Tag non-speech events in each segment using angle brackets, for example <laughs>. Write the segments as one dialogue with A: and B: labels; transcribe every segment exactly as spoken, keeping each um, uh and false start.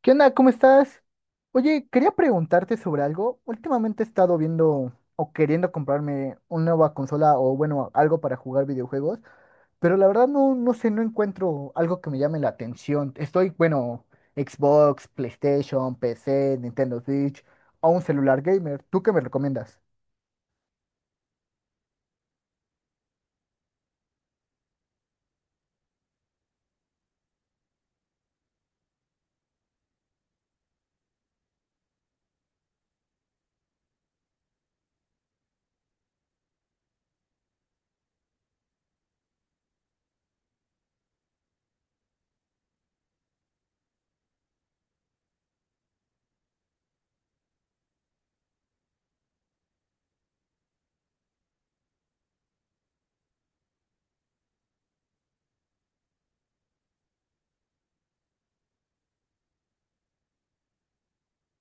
A: ¿Qué onda? ¿Cómo estás? Oye, quería preguntarte sobre algo. Últimamente he estado viendo o queriendo comprarme una nueva consola o bueno, algo para jugar videojuegos, pero la verdad no, no sé, no encuentro algo que me llame la atención. Estoy, bueno, Xbox, PlayStation, P C, Nintendo Switch o un celular gamer. ¿Tú qué me recomiendas?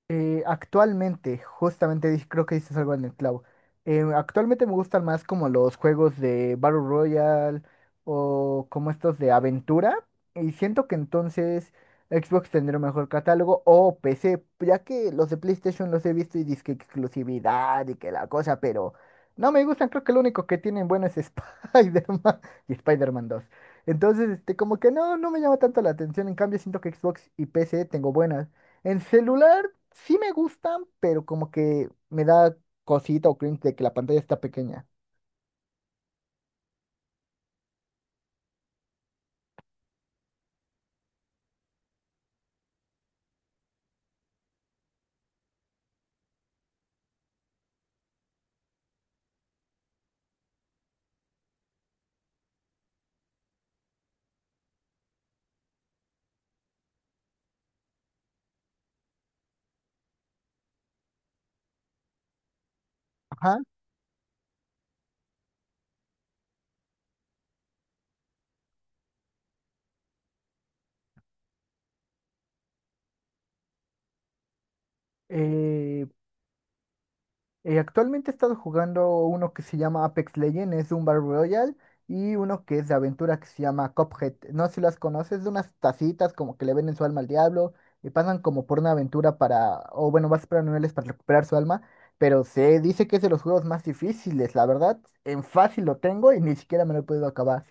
A: Eh, actualmente, justamente dis- creo que dices algo en el clavo. Eh, actualmente me gustan más como los juegos de Battle Royale o como estos de aventura. Y siento que entonces Xbox tendrá un mejor catálogo o P C, ya que los de PlayStation los he visto y dizque exclusividad y que la cosa, pero no me gustan. Creo que lo único que tienen bueno es <laughs> Spider-Man y Spider-Man dos. Entonces, este, como que no, no me llama tanto la atención. En cambio, siento que Xbox y P C tengo buenas. En celular. Sí me gustan, pero como que me da cosita o cringe de que la pantalla está pequeña. Ajá. Eh, eh, Actualmente he estado jugando uno que se llama Apex Legends, es un Battle Royale, y uno que es de aventura que se llama Cuphead. No sé si las conoces, de unas tacitas como que le venden su alma al diablo y pasan como por una aventura para, o bueno, vas a esperar niveles para recuperar su alma, pero se dice que es de los juegos más difíciles, la verdad, en fácil lo tengo y ni siquiera me lo he podido acabar.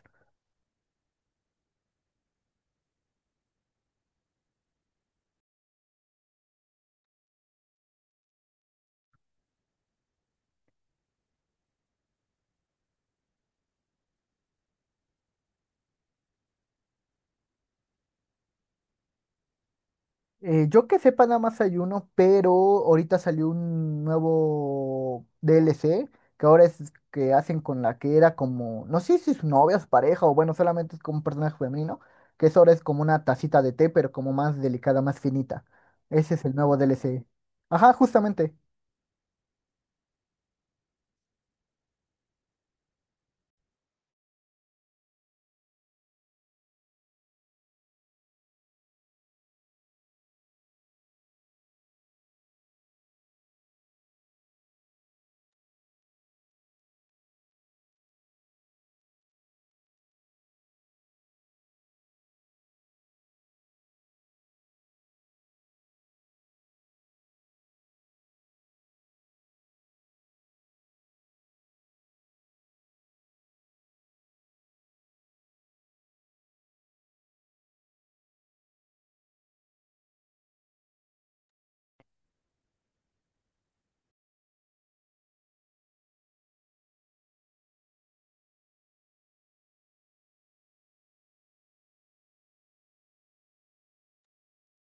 A: Eh, yo que sepa nada más hay uno, pero ahorita salió un nuevo D L C que ahora es que hacen con la que era como, no sé si es su novia, su pareja o bueno, solamente es como un personaje femenino, que eso ahora es como una tacita de té, pero como más delicada, más finita. Ese es el nuevo D L C. Ajá, justamente.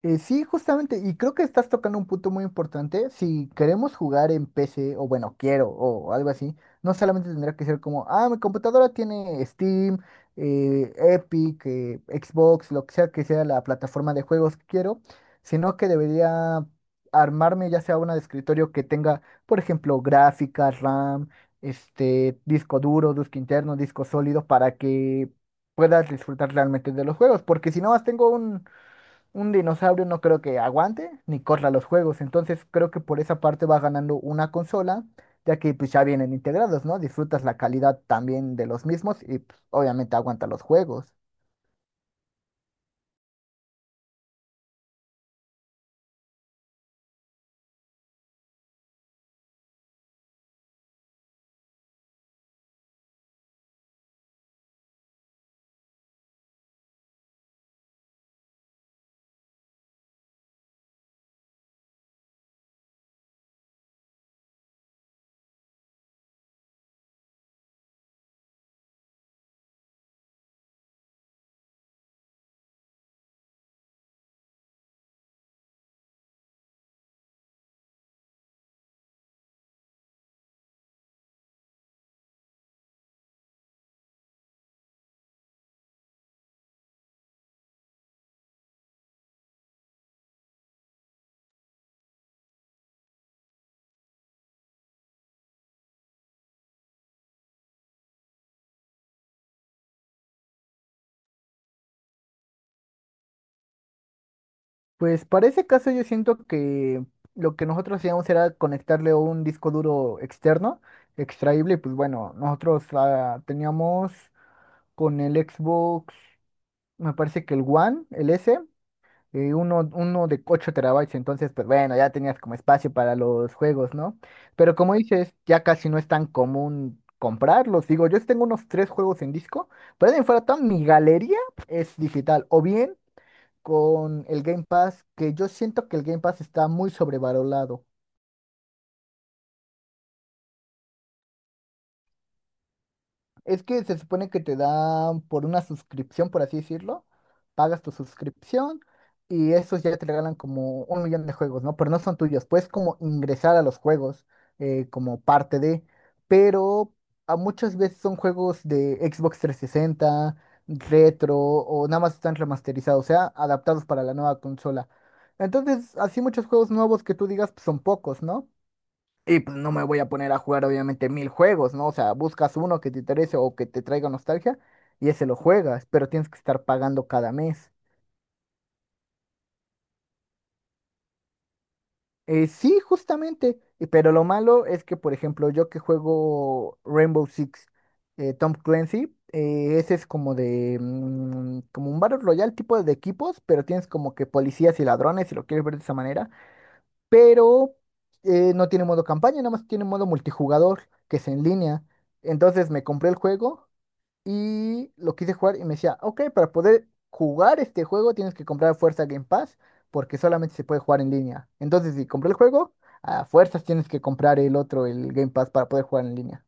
A: Eh, sí, justamente, y creo que estás tocando un punto muy importante. Si queremos jugar en P C, o bueno, quiero, o algo así, no solamente tendría que ser como, ah, mi computadora tiene Steam, eh, Epic, eh, Xbox, lo que sea que sea la plataforma de juegos que quiero, sino que debería armarme ya sea una de escritorio que tenga, por ejemplo, gráficas, RAM, este, disco duro, disco interno, disco sólido, para que puedas disfrutar realmente de los juegos, porque si no más tengo un un dinosaurio no creo que aguante ni corra los juegos, entonces creo que por esa parte va ganando una consola, ya que pues ya vienen integrados, ¿no? Disfrutas la calidad también de los mismos y pues, obviamente aguanta los juegos. Pues para ese caso yo siento que lo que nosotros hacíamos era conectarle un disco duro externo, extraíble, y pues bueno, nosotros ah, teníamos con el Xbox, me parece que el One, el S. eh, uno, uno de ocho terabytes, entonces, pues bueno, ya tenías como espacio para los juegos, ¿no? Pero como dices, ya casi no es tan común comprarlos. Digo, yo tengo unos tres juegos en disco, pero de ahí en fuera toda mi galería es digital, o bien con el Game Pass, que yo siento que el Game Pass está muy sobrevalorado. Es que se supone que te dan por una suscripción, por así decirlo. Pagas tu suscripción y esos ya te regalan como un millón de juegos, ¿no? Pero no son tuyos. Puedes como ingresar a los juegos eh, como parte de. Pero a muchas veces son juegos de Xbox trescientos sesenta retro o nada más están remasterizados, o sea, adaptados para la nueva consola. Entonces, así muchos juegos nuevos que tú digas pues, son pocos, ¿no? Y pues no me voy a poner a jugar obviamente mil juegos, ¿no? O sea, buscas uno que te interese o que te traiga nostalgia y ese lo juegas, pero tienes que estar pagando cada mes. Eh, sí, justamente, y- pero lo malo es que, por ejemplo, yo que juego Rainbow Six, eh, Tom Clancy, eh, ese es como de, mm, como un Battle Royale tipo de equipos, pero tienes como que policías y ladrones, si lo quieres ver de esa manera, pero eh, no tiene modo campaña, nada más tiene modo multijugador, que es en línea. Entonces me compré el juego. Y lo quise jugar y me decía, ok, para poder jugar este juego tienes que comprar a fuerza Game Pass porque solamente se puede jugar en línea. Entonces, si compré el juego, a fuerzas tienes que comprar el otro, el Game Pass, para poder jugar en línea.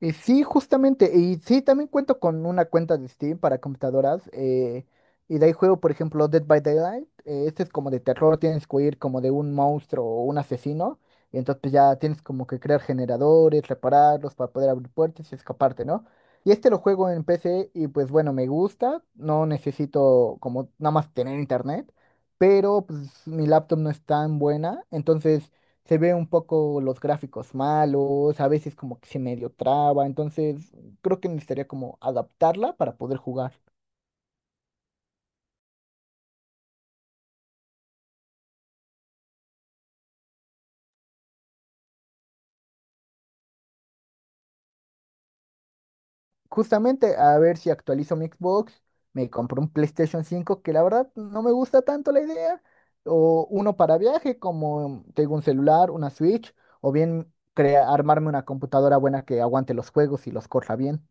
A: Y sí, justamente, y sí, también cuento con una cuenta de Steam para computadoras, eh, y de ahí juego, por ejemplo, Dead by Daylight, eh, este es como de terror, tienes que huir como de un monstruo o un asesino, y entonces pues, ya tienes como que crear generadores, repararlos para poder abrir puertas y escaparte, ¿no? Y este lo juego en P C y pues bueno, me gusta, no necesito como nada más tener internet, pero pues mi laptop no es tan buena, entonces se ve un poco los gráficos malos, a veces como que se medio traba, entonces creo que necesitaría como adaptarla para poder jugar. Justamente a ver si actualizo mi Xbox, me compro un PlayStation cinco que la verdad no me gusta tanto la idea, o uno para viaje como tengo un celular, una Switch, o bien crea- armarme una computadora buena que aguante los juegos y los corra bien.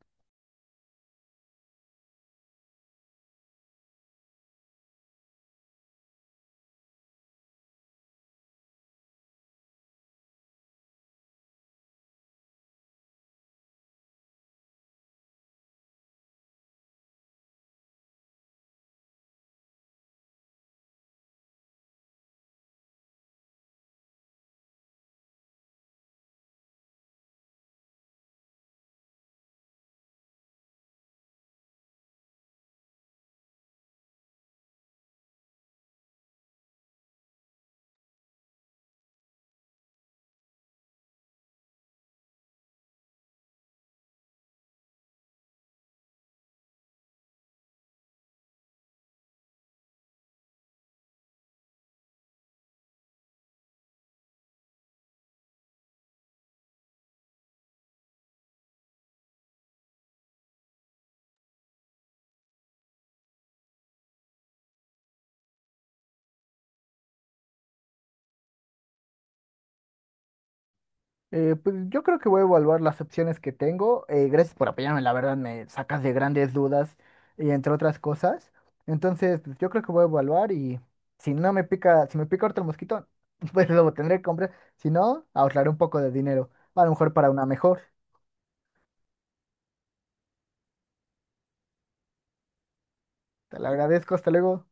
A: Eh, pues yo creo que voy a evaluar las opciones que tengo. Eh, gracias por apoyarme, la verdad me sacas de grandes dudas y entre otras cosas. Entonces, pues, yo creo que voy a evaluar y si no me pica, si me pica otro mosquito, <laughs> pues lo tendré que comprar. Si no, ahorraré un poco de dinero, a lo mejor para una mejor. Te lo agradezco, hasta luego.